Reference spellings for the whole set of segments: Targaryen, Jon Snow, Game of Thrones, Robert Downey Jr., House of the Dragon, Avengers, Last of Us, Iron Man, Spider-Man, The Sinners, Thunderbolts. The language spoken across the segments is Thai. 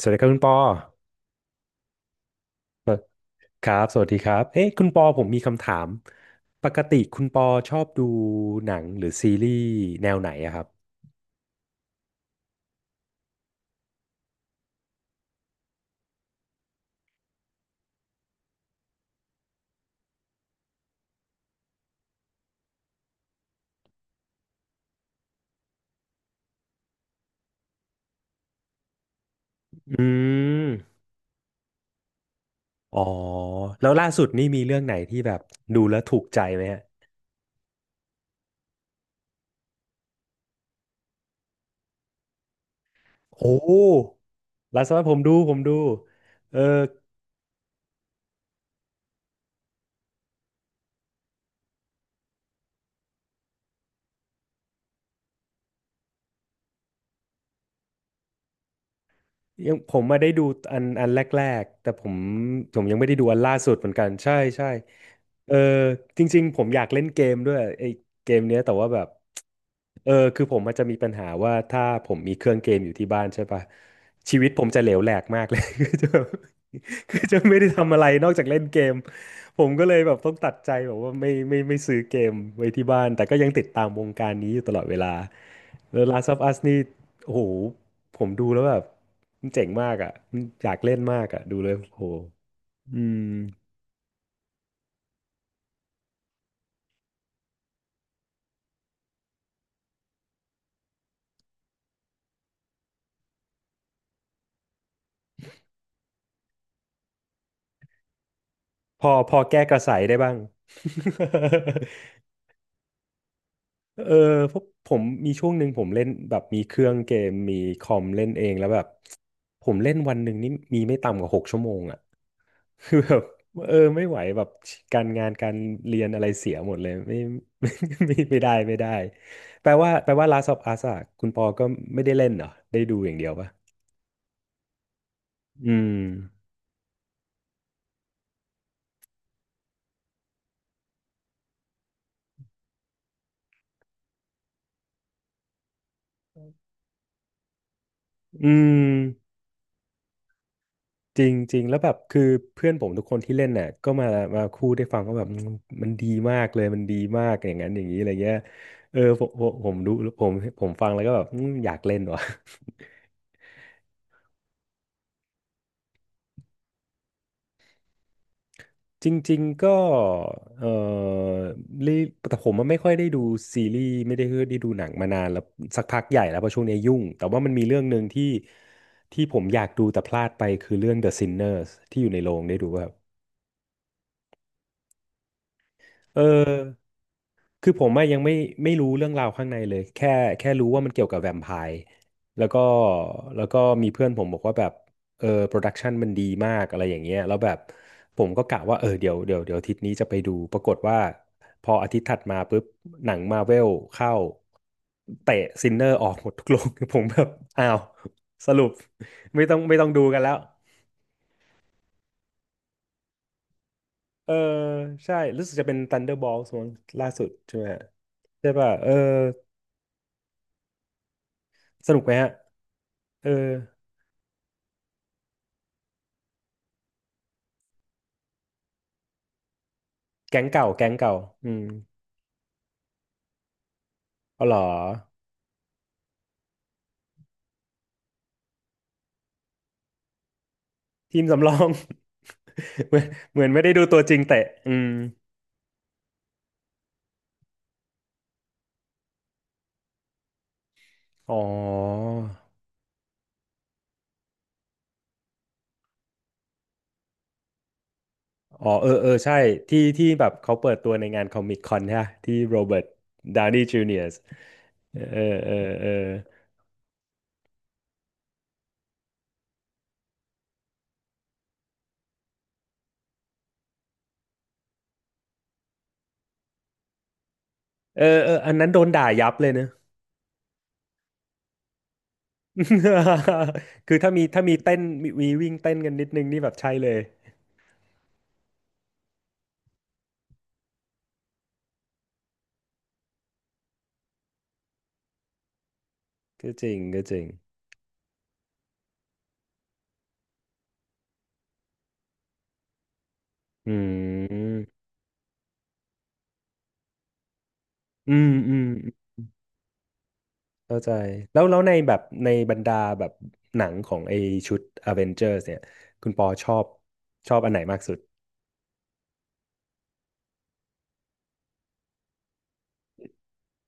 สวัสดีครับคุณปอเอ่อครับสวัสดีครับเอ๊ะคุณปอผมมีคำถามปกติคุณปอชอบดูหนังหรือซีรีส์แนวไหนอะครับอืมอ๋อแล้วล่าสุดนี่มีเรื่องไหนที่แบบดูแล้วถูกใจไหมฮะโอ้ล่าสุดผมดูเออ ยังผมมาได้ดูอันแรกๆแต่ผมยังไม่ได้ดูอันล่าสุดเหมือนกันใช่ใช่เออจริงๆผมอยากเล่นเกมด้วยไอ้เกมเนี้ยแต่ว่าแบบเออคือผมมันจะมีปัญหาว่าถ้าผมมีเครื่องเกมอยู่ที่บ้านใช่ปะชีวิตผมจะเหลวแหลกมากเลย คือจะคือจะไม่ได้ทำอะไรนอกจากเล่นเกม ผมก็เลยแบบต้องตัดใจแบบว่าไม่ซื้อเกมไว้ที่บ้านแต่ก็ยังติดตามวงการนี้อยู่ตลอดเวลาแล้ว Last of Us นี่โอ้โหผมดูแล้วแบบมันเจ๋งมากอ่ะมันอยากเล่นมากอ่ะดูเลยโอ้โหอืมพอพอแก้กระใสได้บ้าง เออเพราะผมมีช่วงหนึ่งผมเล่นแบบมีเครื่องเกมมีคอมเล่นเองแล้วแบบผมเล่นวันหนึ่งนี่มีไม่ต่ำกว่าหกชั่วโมงอ่ะ คือแบบเออไม่ไหวแบบการงานการเรียนอะไรเสียหมดเลยไม่ ไม่ไม่ได้แปลว่า Last of Us อะคุณปอก็ไม่ได้เล่นเหรอได้ดูอย่างเดียวปะอืมอืมจริงจริงแล้วแบบคือเพื่อนผมทุกคนที่เล่นน่ะก็มาพูดได้ฟังว่าแบบมันมันดีมากเลยมันดีมากอย่างนั้นอย่างนี้อะไรเงี้ยเออผมดูผมผมฟังแล้วก็แบบอืมอยากเล่นว่ะ จริงๆก็เออรีแต่ผมมันไม่ค่อยได้ดูซีรีส์ไม่ได้ได้ดูหนังมานานแล้วสักพักใหญ่แล้วเพราะช่วงนี้ยุ่งแต่ว่ามันมีเรื่องหนึ่งที่ที่ผมอยากดูแต่พลาดไปคือเรื่อง The Sinners ที่อยู่ในโรงได้ดูป่ะครับเออ คือผมอะยังไม่รู้เรื่องราวข้างในเลยแค่รู้ว่ามันเกี่ยวกับแวมไพร์แล้วก็แล้วก็มีเพื่อนผมบอกว่าแบบเออโปรดักชันมันดีมากอะไรอย่างเงี้ยแล้วแบบผมก็กะว่าเออเดี๋ยวอาทิตย์นี้จะไปดูปรากฏว่าพออาทิตย์ถัดมาปุ๊บหนังมาเวลเข้าเตะซินเนอร์ออกหมดทุกโรง ผมแบบอ้าวสรุปไม่ต้องดูกันแล้วเออใช่รู้สึกจะเป็น Thunderbolts มั้งล่าสุดใช่ไหมฮะใช่ป่ะเออสนุกไหมฮะเออ แก๊งเก่า แก๊งเก่า อืมเอาเหรอทีมสำรอง เหมือนเหมือนไม่ได้ดูตัวจริงเตะอืมอ๋อ อ๋อเออเออใช่ที่แบบเขาเปิดตัวในงานคอมิกคอนใช่ปะที่โรเบิร์ตดาวนีย์จูเนียร์เออเออเออเออเอออันนั้นโดนด่ายับเลยเนอะ คือถ้ามีเต้นมีวิ่งเต้นกันนิดนึงนี่แบบใช่เลยก็จริงอืม อืม อืม เข้าใจแล้วแล้วในแบบในบรรดาแบบหนังของไอชุด Avengers เนี่ยคุณปอชอบอันไหนมากสุด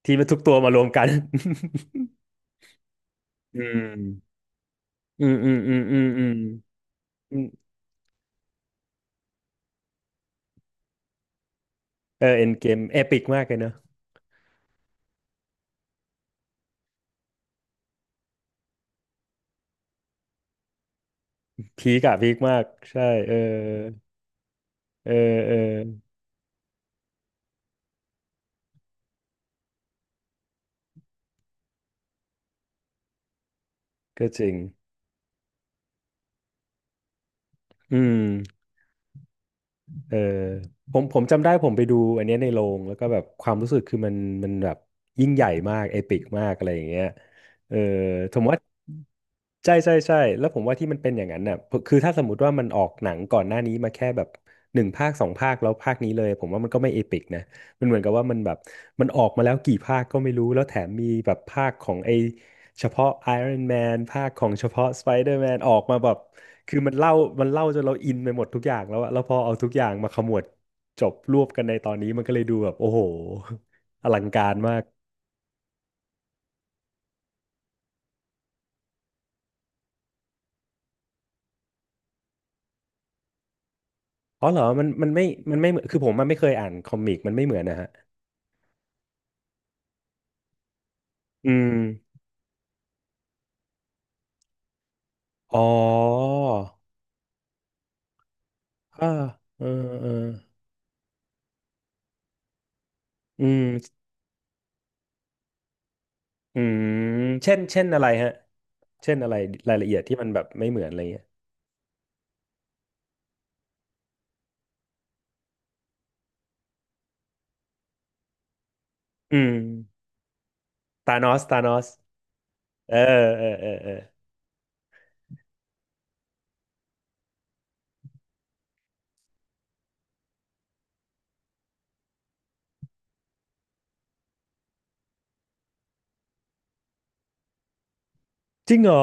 ที่มันทุกตัวมารวมกัน อืมอืมอืมอืมอืมอืมอืมเออเอ็นเกมเอปิกมากเลยเนอะพีกอะพีกมากใช่เออเออเออก็จริงอืมเออผมจำได้ผมไปดูอันเนี้ยในโรงแล้วก็แบบความรู้สึกคือมันมันแบบยิ่งใหญ่มากเอปิกมากอะไรอย่างเงี้ยเออ ใช่ใช่ใช่แล้วผมว่าที่มันเป็นอย่างนั้นน่ะคือถ้าสมมติว่ามันออกหนังก่อนหน้านี้มาแค่แบบหนึ่งภาคสองภาคแล้วภาคนี้เลยผมว่ามันก็ไม่เอปิกนะมันเหมือนกับว่ามันแบบมันออกมาแล้วกี่ภาคก็ไม่รู้แล้วแถมมีแบบภาคของไอเฉพาะ Iron Man ภาคของเฉพาะ Spider-Man ออกมาแบบคือมันเล่าจนเราอินไปหมดทุกอย่างแล้วอะแล้วพอเอาทุกอย่างมาขมวดจบรวบกันในตอนนี้มันก็เลยดูแบบโอ้โหอลังการมากอ๋อเหรอมันมันไม่มันไม่เหมือนคือผมมันไม่เคยอ่านคอมิกมันไม่เหมือนนะฮะอืม อ๋ออ่าเออเอออืม อืมเช่นอะไรฮะ เช่นอะไรรายละเอียดที่มันแบบไม่เหมือนอะไรเงี้ยอืมตานอสเออเออเออเออ จริงเหรอ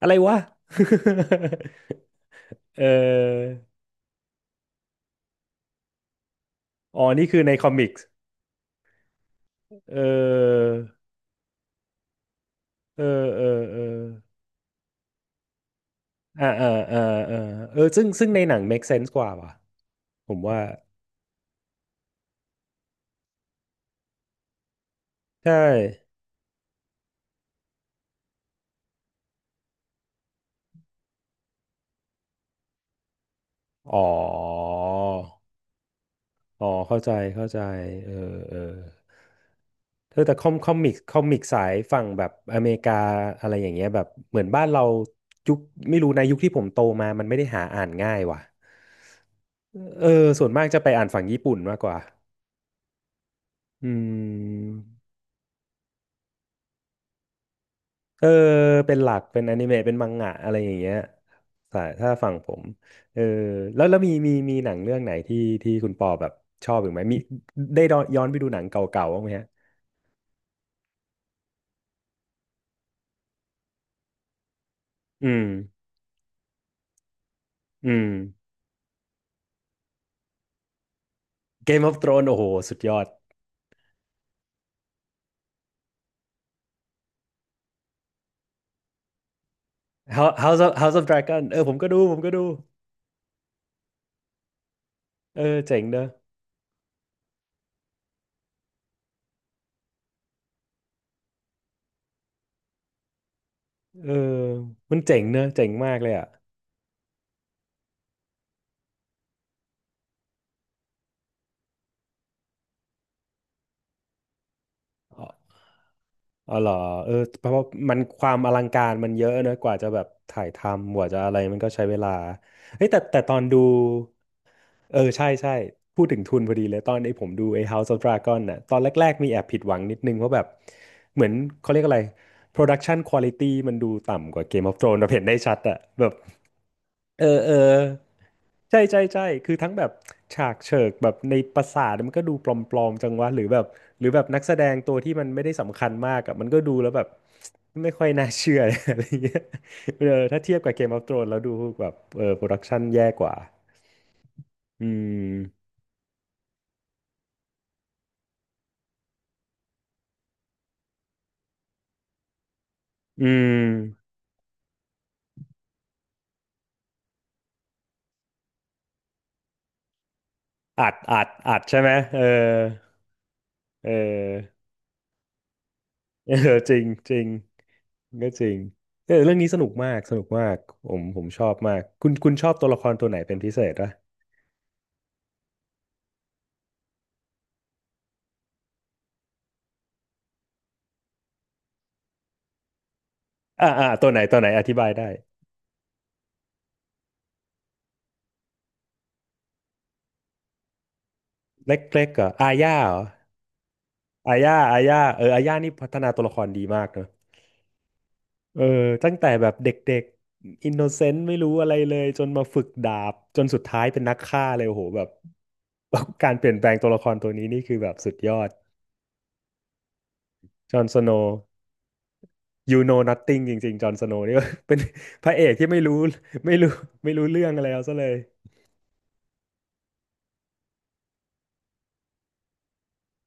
อะไรวะ เอออ๋อ นี่คือในคอมิกส์เออเออเออ เอออ่าอ่าอ่าอ่าเออซึ่งในหนัง make sense กว่าว่ะผมว่า ใช่ อ๋อ อ๋อเข้าใจเข้าใจเออเออเธอแต่คอมิกสายฝั่งแบบอเมริกาอะไรอย่างเงี้ยแบบเหมือนบ้านเรายุคไม่รู้ในะยุคที่ผมโตมามันไม่ได้หาอ่านง่ายว่ะเออส่วนมากจะไปอ่านฝั่งญี่ปุ่นมากกว่าอืมเออเป็นหลักเป็นอนิเมะเป็นมังงะอะไรอย่างเงี้ยสายถ้าฝั่งผมเออแล้วมีหนังเรื่องไหนที่คุณปอแบบชอบอีกไหมมีได้ย้อนไปดูหนังเก่าๆบ้างไหมฮะอืม อืม Game of Thrones โอ้โหสุดยอด h o u s House of House of Dragon เออผมก็ดูเออเจ๋งเนอะเออมันเจ๋งเนอะเจ๋งมากเลยอ่ะ อ๋อเหรอเออเพราะว่ามันความอลังการมันเยอะนะกว่าจะแบบถ่ายทำกว่าจะอะไรมันก็ใช้เวลาเฮ้ยแต่ตอนดูเออใช่ใช่พูดถึงทุนพอดีเลยตอนไอ้ผมดูไอ้ House of Dragon น่ะตอนแรกๆมีแอบผิดหวังนิดนึงเพราะแบบเหมือนเขาเรียกอะไร Production Quality มันดูต่ำกว่า Game of Thrones เราเห็นได้ชัดอะแบบเออเออ ใช่ใช่ใช่คือทั้งแบบฉากเฉิกแบบในปราสาทมันก็ดูปลอมๆจังวะหรือแบบนักแสดงตัวที่มันไม่ได้สำคัญมากอะมันก็ดูแล้วแบบไม่ค่อยน่าเชื่อ อะไรเงี้ยเออถ้าเทียบกับ Game of Thrones แล้วดูแบบเออโปรดักชันแย่กว่าอืมอืมอัดอัดอัดใช่ไหมเออเออ เออจริงจริงก็จริงเออเรื่องนี้สนุกมากสนุกมากผมชอบมากคุณชอบตัวละครตัวไหนเป็นพิเศษปะ อ่าอ่าตัวไหนตัวไหนอธิบายได้เล็กเล็กเหรออาญาเหรออาญาเอออาญานี่พัฒนาตัวละครดีมากเนอะเออตั้งแต่แบบเด็กๆอินโนเซนต์ไม่รู้อะไรเลยจนมาฝึกดาบจนสุดท้ายเป็นนักฆ่าเลยโอ้โหแบบ การเปลี่ยนแปลงตัวละครตัวนี้นี่คือแบบสุดยอดจอห์นสโนว์ you know nothing จริงๆจอห์นสโนว์นี่ เป็น พระเอกที่ไม่รู้ไม่รู้ไม่รู้เรื่องอะไรเอาซะเลย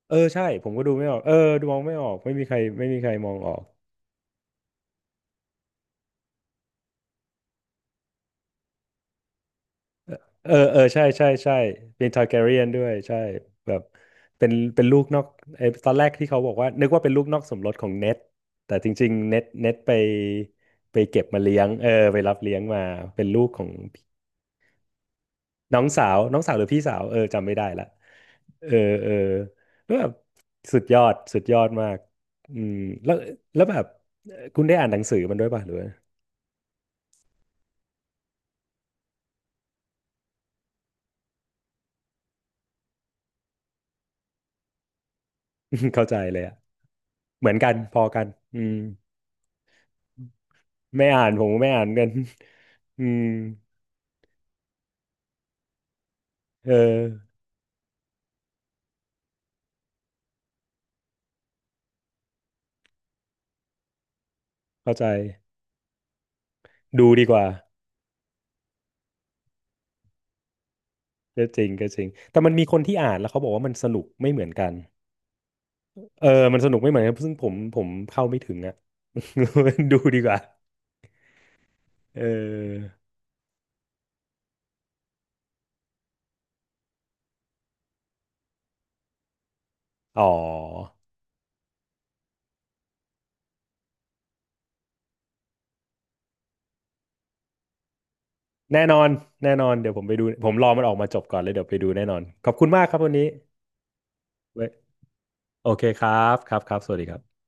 เออใช่ผมก็ดูไม่ออกเออดูมองไม่ออกไม่มีใครมองออก เออเออใช่ใช่ใช่เป็นทาร์แกเรียนด้วยใช่แบบเป็นลูกนอกไอ้ตอนแรกที่เขาบอกว่านึกว่าเป็นลูกนอกสมรสของเน็ตแต่จริงๆเน็ตไปเก็บมาเลี้ยงเออไปรับเลี้ยงมาเป็นลูกของน้องสาวน้องสาวหรือพี่สาวเออจำไม่ได้ละเออเออแล้วแบบสุดยอดสุดยอดมากอืมแล้วแล้วแบบคุณได้อ่านหนังสือมันด้วยป่ะหรือว่า เข้าใจเลยอะเหมือนกันพอกันอืม ไม่อ่านผมก็ไม่อ่านกัน อืมเออเข้าใจ ดูดีกว่าก็จริงก็จริงแต่มันมีคนที่อ่านแล้วเขาบอกว่ามันสนุกไม่เหมือนกันเออมันสนุกไม่เหมือนกันซึ่งผมเข้าไม่ถึงอะ ดูดีกว่าเอออ๋อ แน่นอนแน่นอนเดี๋ยวผมไปดูผมรอมันออกมาจบก่อนเลยเดี๋ยวไปดูแน่นอน ขอบคุณมากครับวันนี้ไว้โอเคครับครับครับสวัสดีครับ